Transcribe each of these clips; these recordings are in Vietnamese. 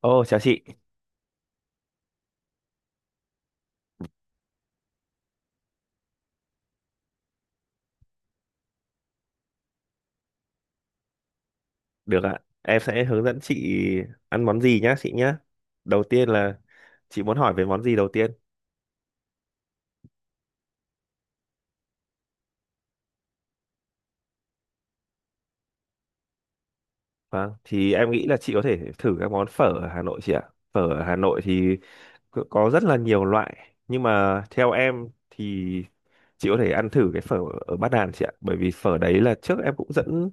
Ồ, chào chị. Được ạ. Em sẽ hướng dẫn chị ăn món gì nhá, chị nhá. Đầu tiên là chị muốn hỏi về món gì đầu tiên? Vâng, thì em nghĩ là chị có thể thử các món phở ở Hà Nội chị ạ. Phở ở Hà Nội thì có rất là nhiều loại, nhưng mà theo em thì chị có thể ăn thử cái phở ở Bát Đàn chị ạ. Bởi vì phở đấy là trước em cũng dẫn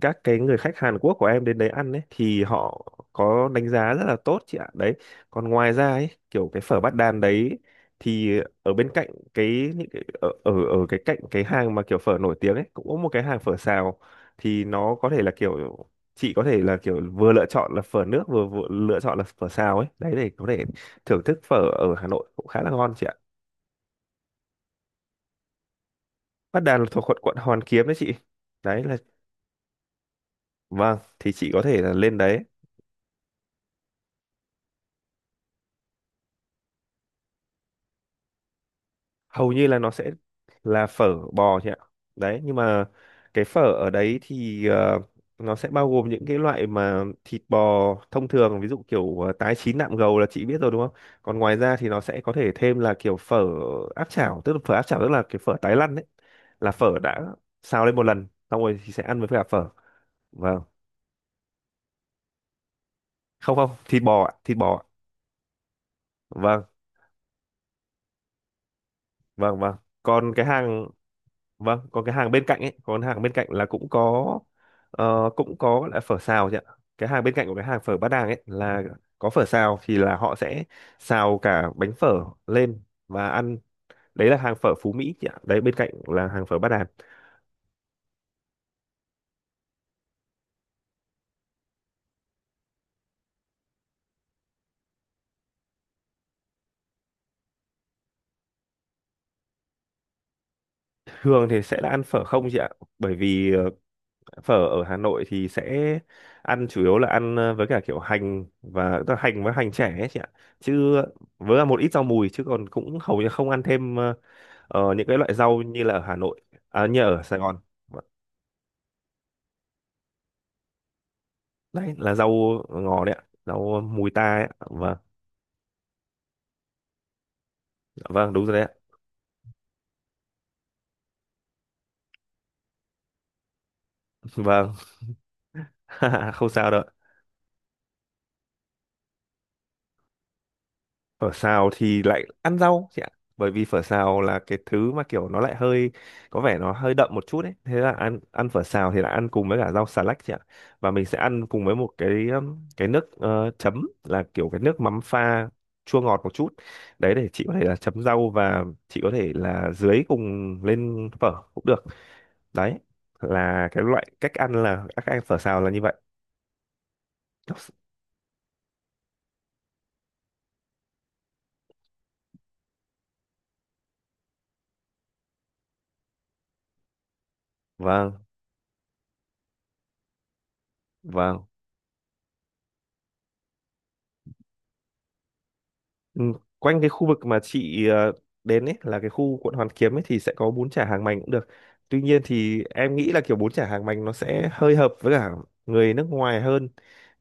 các cái người khách Hàn Quốc của em đến đấy ăn ấy, thì họ có đánh giá rất là tốt chị ạ. Đấy, còn ngoài ra ấy, kiểu cái phở Bát Đàn đấy thì ở bên cạnh cái những cái ở ở ở cái cạnh cái hàng mà kiểu phở nổi tiếng ấy cũng có một cái hàng phở xào, thì nó có thể là kiểu chị có thể là kiểu vừa lựa chọn là phở nước vừa lựa chọn là phở xào ấy, đấy, để có thể thưởng thức phở ở Hà Nội cũng khá là ngon chị ạ. Bát Đàn là thuộc quận quận Hoàn Kiếm đấy chị, đấy là. Vâng, thì chị có thể là lên đấy. Hầu như là nó sẽ là phở bò chị ạ, đấy, nhưng mà cái phở ở đấy thì nó sẽ bao gồm những cái loại mà thịt bò thông thường, ví dụ kiểu tái chín nạm gầu là chị biết rồi đúng không. Còn ngoài ra thì nó sẽ có thể thêm là kiểu phở áp chảo, tức là phở áp chảo tức là cái phở tái lăn đấy, là phở đã xào lên một lần xong rồi thì sẽ ăn với cả phở. Vâng, không, không, thịt bò ạ, thịt bò ạ. Vâng. Vâng, vâng. Còn cái hàng, vâng, còn cái hàng bên cạnh ấy, còn hàng bên cạnh là cũng có, cũng có là phở xào chị ạ. Cái hàng bên cạnh của cái hàng phở Bát Đàng ấy là có phở xào thì là họ sẽ xào cả bánh phở lên và ăn. Đấy là hàng phở Phú Mỹ chị ạ. Đấy bên cạnh là hàng phở Bát Đàn. Thường thì sẽ là ăn phở không chị ạ. Bởi vì phở ở Hà Nội thì sẽ ăn chủ yếu là ăn với cả kiểu hành và tức là hành với hành trẻ ấy chị ạ. Chứ với là một ít rau mùi, chứ còn cũng hầu như không ăn thêm những cái loại rau như là ở Hà Nội, à, như ở Sài Gòn. Vâng. Đấy là rau ngò đấy ạ, rau mùi ta ấy ạ. Vâng. Vâng, đúng rồi đấy ạ. Vâng. Không sao đâu ạ. Phở xào thì lại ăn rau chị ạ, bởi vì phở xào là cái thứ mà kiểu nó lại hơi có vẻ nó hơi đậm một chút ấy, thế là ăn ăn phở xào thì lại ăn cùng với cả rau xà lách chị ạ, và mình sẽ ăn cùng với một cái nước chấm là kiểu cái nước mắm pha chua ngọt một chút, đấy, để chị có thể là chấm rau và chị có thể là dưới cùng lên phở cũng được. Đấy là cái loại cách ăn, là cách ăn phở xào là như vậy. Vâng. Vâng. Ừ, quanh cái khu vực mà chị đến ấy là cái khu quận Hoàn Kiếm ấy thì sẽ có bún chả hàng mành cũng được. Tuy nhiên thì em nghĩ là kiểu bún chả hàng mành nó sẽ hơi hợp với cả người nước ngoài hơn,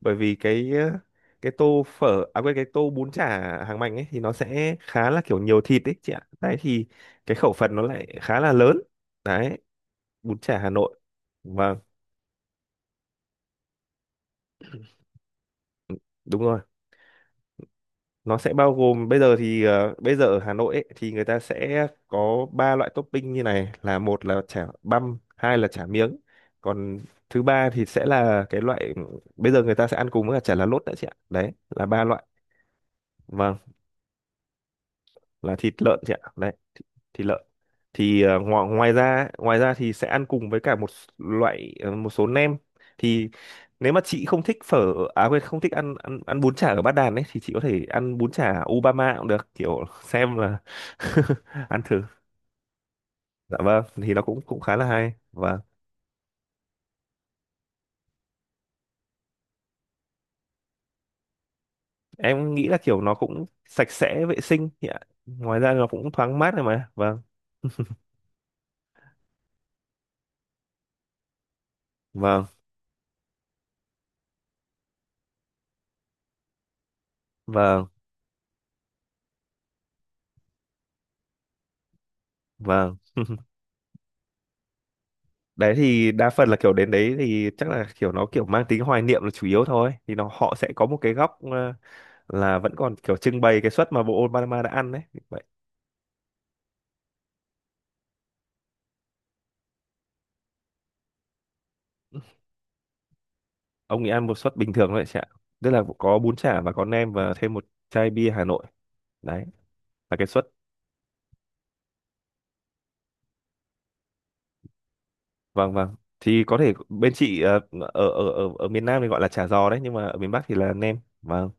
bởi vì cái cái tô phở à quên cái tô bún chả hàng mành ấy thì nó sẽ khá là kiểu nhiều thịt ấy chị ạ. Đấy thì cái khẩu phần nó lại khá là lớn. Đấy, bún chả Hà Nội. Vâng, đúng rồi. Nó sẽ bao gồm, bây giờ thì bây giờ ở Hà Nội ấy, thì người ta sẽ có ba loại topping như này, là một là chả băm, hai là chả miếng, còn thứ ba thì sẽ là cái loại bây giờ người ta sẽ ăn cùng với cả chả lá lốt nữa chị ạ, đấy là ba loại. Vâng. Là thịt lợn chị ạ, đấy, thịt lợn. Thì ngoài ngoài ra thì sẽ ăn cùng với cả một loại một số nem. Thì nếu mà chị không thích phở à quên không thích ăn ăn ăn bún chả ở Bát Đàn ấy, thì chị có thể ăn bún chả Obama cũng được, kiểu xem là ăn thử. Dạ vâng, thì nó cũng cũng khá là hay và em nghĩ là kiểu nó cũng sạch sẽ vệ sinh thì ạ. Ngoài ra nó cũng thoáng mát rồi mà. Vâng. Vâng. Vâng. Vâng. Đấy thì đa phần là kiểu đến đấy thì chắc là kiểu nó kiểu mang tính hoài niệm là chủ yếu thôi, thì nó họ sẽ có một cái góc là vẫn còn kiểu trưng bày cái suất mà bộ Obama đã ăn đấy. Vậy ông ấy ăn một suất bình thường thôi, chả tức là có bún chả và có nem và thêm một chai bia Hà Nội, đấy là cái suất. Vâng. Vâng, thì có thể bên chị ở ở ở ở miền Nam thì gọi là chả giò đấy, nhưng mà ở miền Bắc thì là nem. Vâng.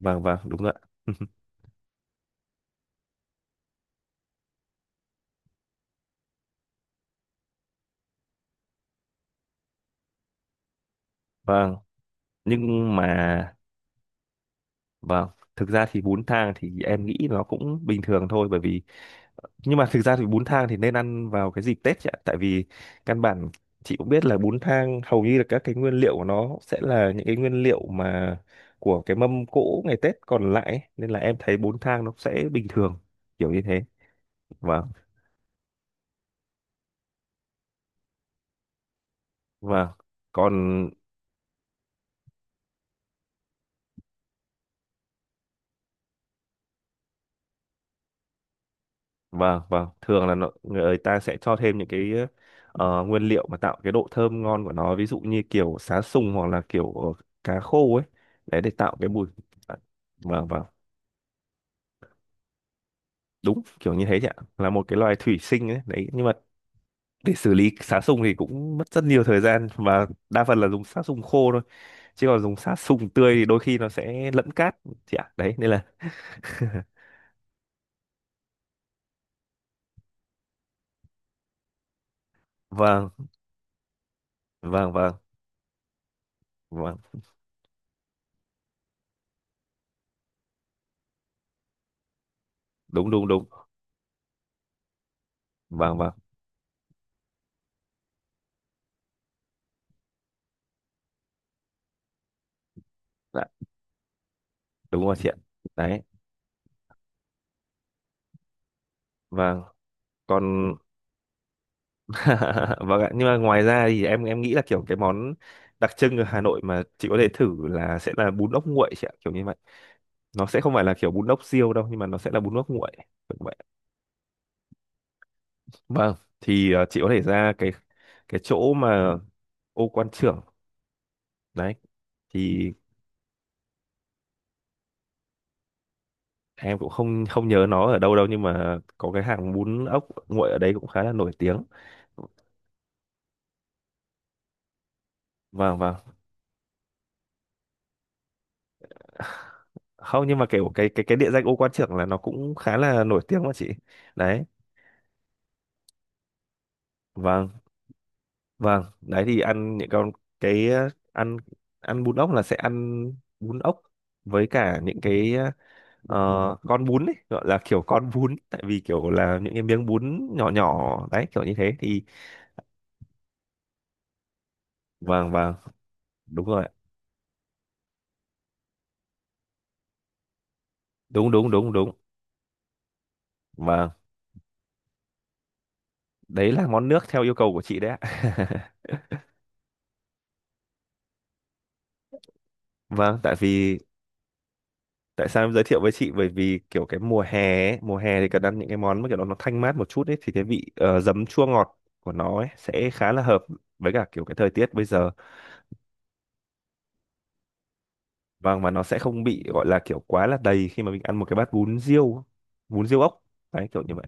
Vâng. Vâng, đúng rồi ạ. Vâng, nhưng mà. Vâng. Thực ra thì bún thang thì em nghĩ nó cũng bình thường thôi, bởi vì, nhưng mà thực ra thì bún thang thì nên ăn vào cái dịp Tết chị ạ, tại vì căn bản chị cũng biết là bún thang hầu như là các cái nguyên liệu của nó sẽ là những cái nguyên liệu mà của cái mâm cỗ ngày Tết còn lại ấy, nên là em thấy bún thang nó sẽ bình thường kiểu như thế. Vâng. Vâng, còn. Vâng. Vâng, thường là nó, người ta sẽ cho thêm những cái nguyên liệu mà tạo cái độ thơm ngon của nó, ví dụ như kiểu sá sùng hoặc là kiểu cá khô ấy, đấy, để tạo cái mùi. Vâng. Vâng, đúng kiểu như thế chị ạ, là một cái loài thủy sinh ấy. Đấy nhưng mà để xử lý sát sùng thì cũng mất rất nhiều thời gian và đa phần là dùng sát sùng khô thôi, chứ còn dùng sát sùng tươi thì đôi khi nó sẽ lẫn cát chị ạ, đấy nên là. Vâng. Vâng. Vâng. Vâng. Đúng, đúng, đúng. Vâng. Vâng. Dạ, đúng rồi chị ạ. Đấy. Vâng. Còn. Vâng ạ, nhưng mà ngoài ra thì em nghĩ là kiểu cái món đặc trưng ở Hà Nội mà chị có thể thử là sẽ là bún ốc nguội chị ạ, kiểu như vậy. Nó sẽ không phải là kiểu bún ốc riêu đâu, nhưng mà nó sẽ là bún ốc nguội. Vâng, thì chị có thể ra cái chỗ mà ô quan trưởng, đấy thì em cũng không không nhớ nó ở đâu đâu, nhưng mà có cái hàng bún ốc nguội ở đấy cũng khá là nổi tiếng. Vâng, vâng. Không, nhưng mà kiểu cái địa danh ô quan trưởng là nó cũng khá là nổi tiếng mà chị. Đấy. Vâng, vâng. Đấy thì ăn những con cái ăn ăn bún ốc là sẽ ăn bún ốc với cả những cái ờ, con bún ấy, gọi là kiểu con bún, tại vì kiểu là những cái miếng bún nhỏ nhỏ đấy kiểu như thế thì. Vâng. Vâng, đúng rồi ạ. Đúng, đúng, đúng, đúng. Vâng. Đấy là món nước theo yêu cầu của chị đấy ạ. Vâng, tại vì, tại sao em giới thiệu với chị, bởi vì kiểu cái mùa hè ấy, mùa hè thì cần ăn những cái món mà kiểu nó thanh mát một chút ấy, thì cái vị giấm chua ngọt của nó ấy sẽ khá là hợp với cả kiểu cái thời tiết bây giờ. Vâng, mà nó sẽ không bị gọi là kiểu quá là đầy khi mà mình ăn một cái bát bún riêu, bún riêu ốc, đấy kiểu như vậy.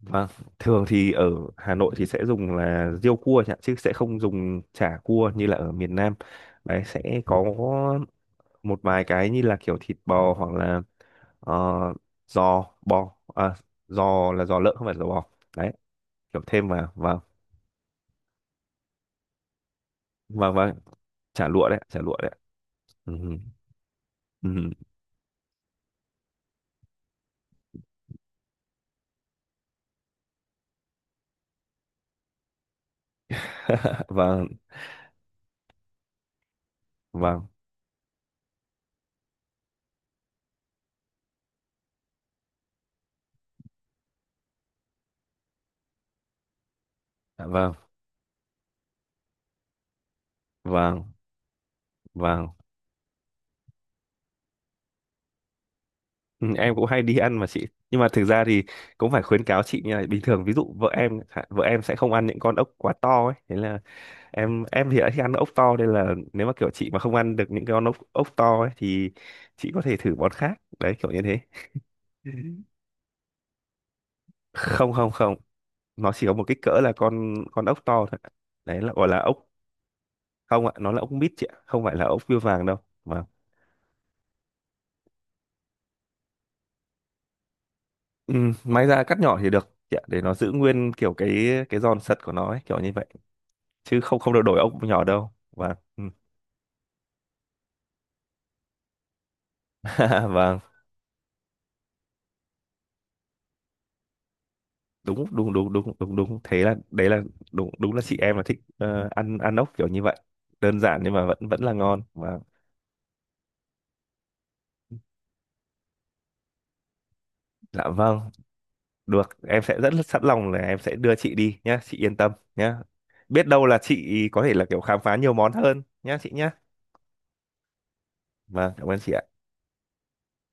Vâng, thường thì ở Hà Nội thì sẽ dùng là riêu cua chẳng, chứ sẽ không dùng chả cua như là ở miền Nam. Đấy sẽ có một vài cái như là kiểu thịt bò hoặc là ờ, giò bò, à, giò là giò lợn không phải giò bò. Đấy, kiểu thêm vào, vâng. Vâng vâng, chả lụa đấy, chả lụa đấy. Ừ. Ừ. Vâng, vâng, vâng, vâng, vâng. Vâng. Ừ, em cũng hay đi ăn mà chị, nhưng mà thực ra thì cũng phải khuyến cáo chị như này, bình thường ví dụ vợ em chẳng, vợ em sẽ không ăn những con ốc quá to ấy, thế là em thì đã thích ăn ốc to, nên là nếu mà kiểu chị mà không ăn được những con ốc ốc to ấy thì chị có thể thử món khác đấy, kiểu như thế. Ừ. Không, không, không, nó chỉ có một kích cỡ là con ốc to thôi ạ. Đấy là gọi là ốc. Không ạ, nó là ốc mít chị ạ, không phải là ốc bươu vàng đâu mà. Ừ, may ra cắt nhỏ thì được chị ạ, để nó giữ nguyên kiểu cái giòn sật của nó ấy, kiểu như vậy. Chứ không, không được đổi ông nhỏ đâu, và vâng. Đúng, đúng, đúng, đúng, đúng, đúng, thế là đấy là đúng, đúng là chị em là thích ăn ăn ốc kiểu như vậy, đơn giản nhưng mà vẫn vẫn là ngon và. Dạ vâng, được, em sẽ rất là sẵn lòng là em sẽ đưa chị đi nhá, chị yên tâm nhá. Biết đâu là chị có thể là kiểu khám phá nhiều món hơn nhá chị nhá. Vâng, cảm ơn chị ạ.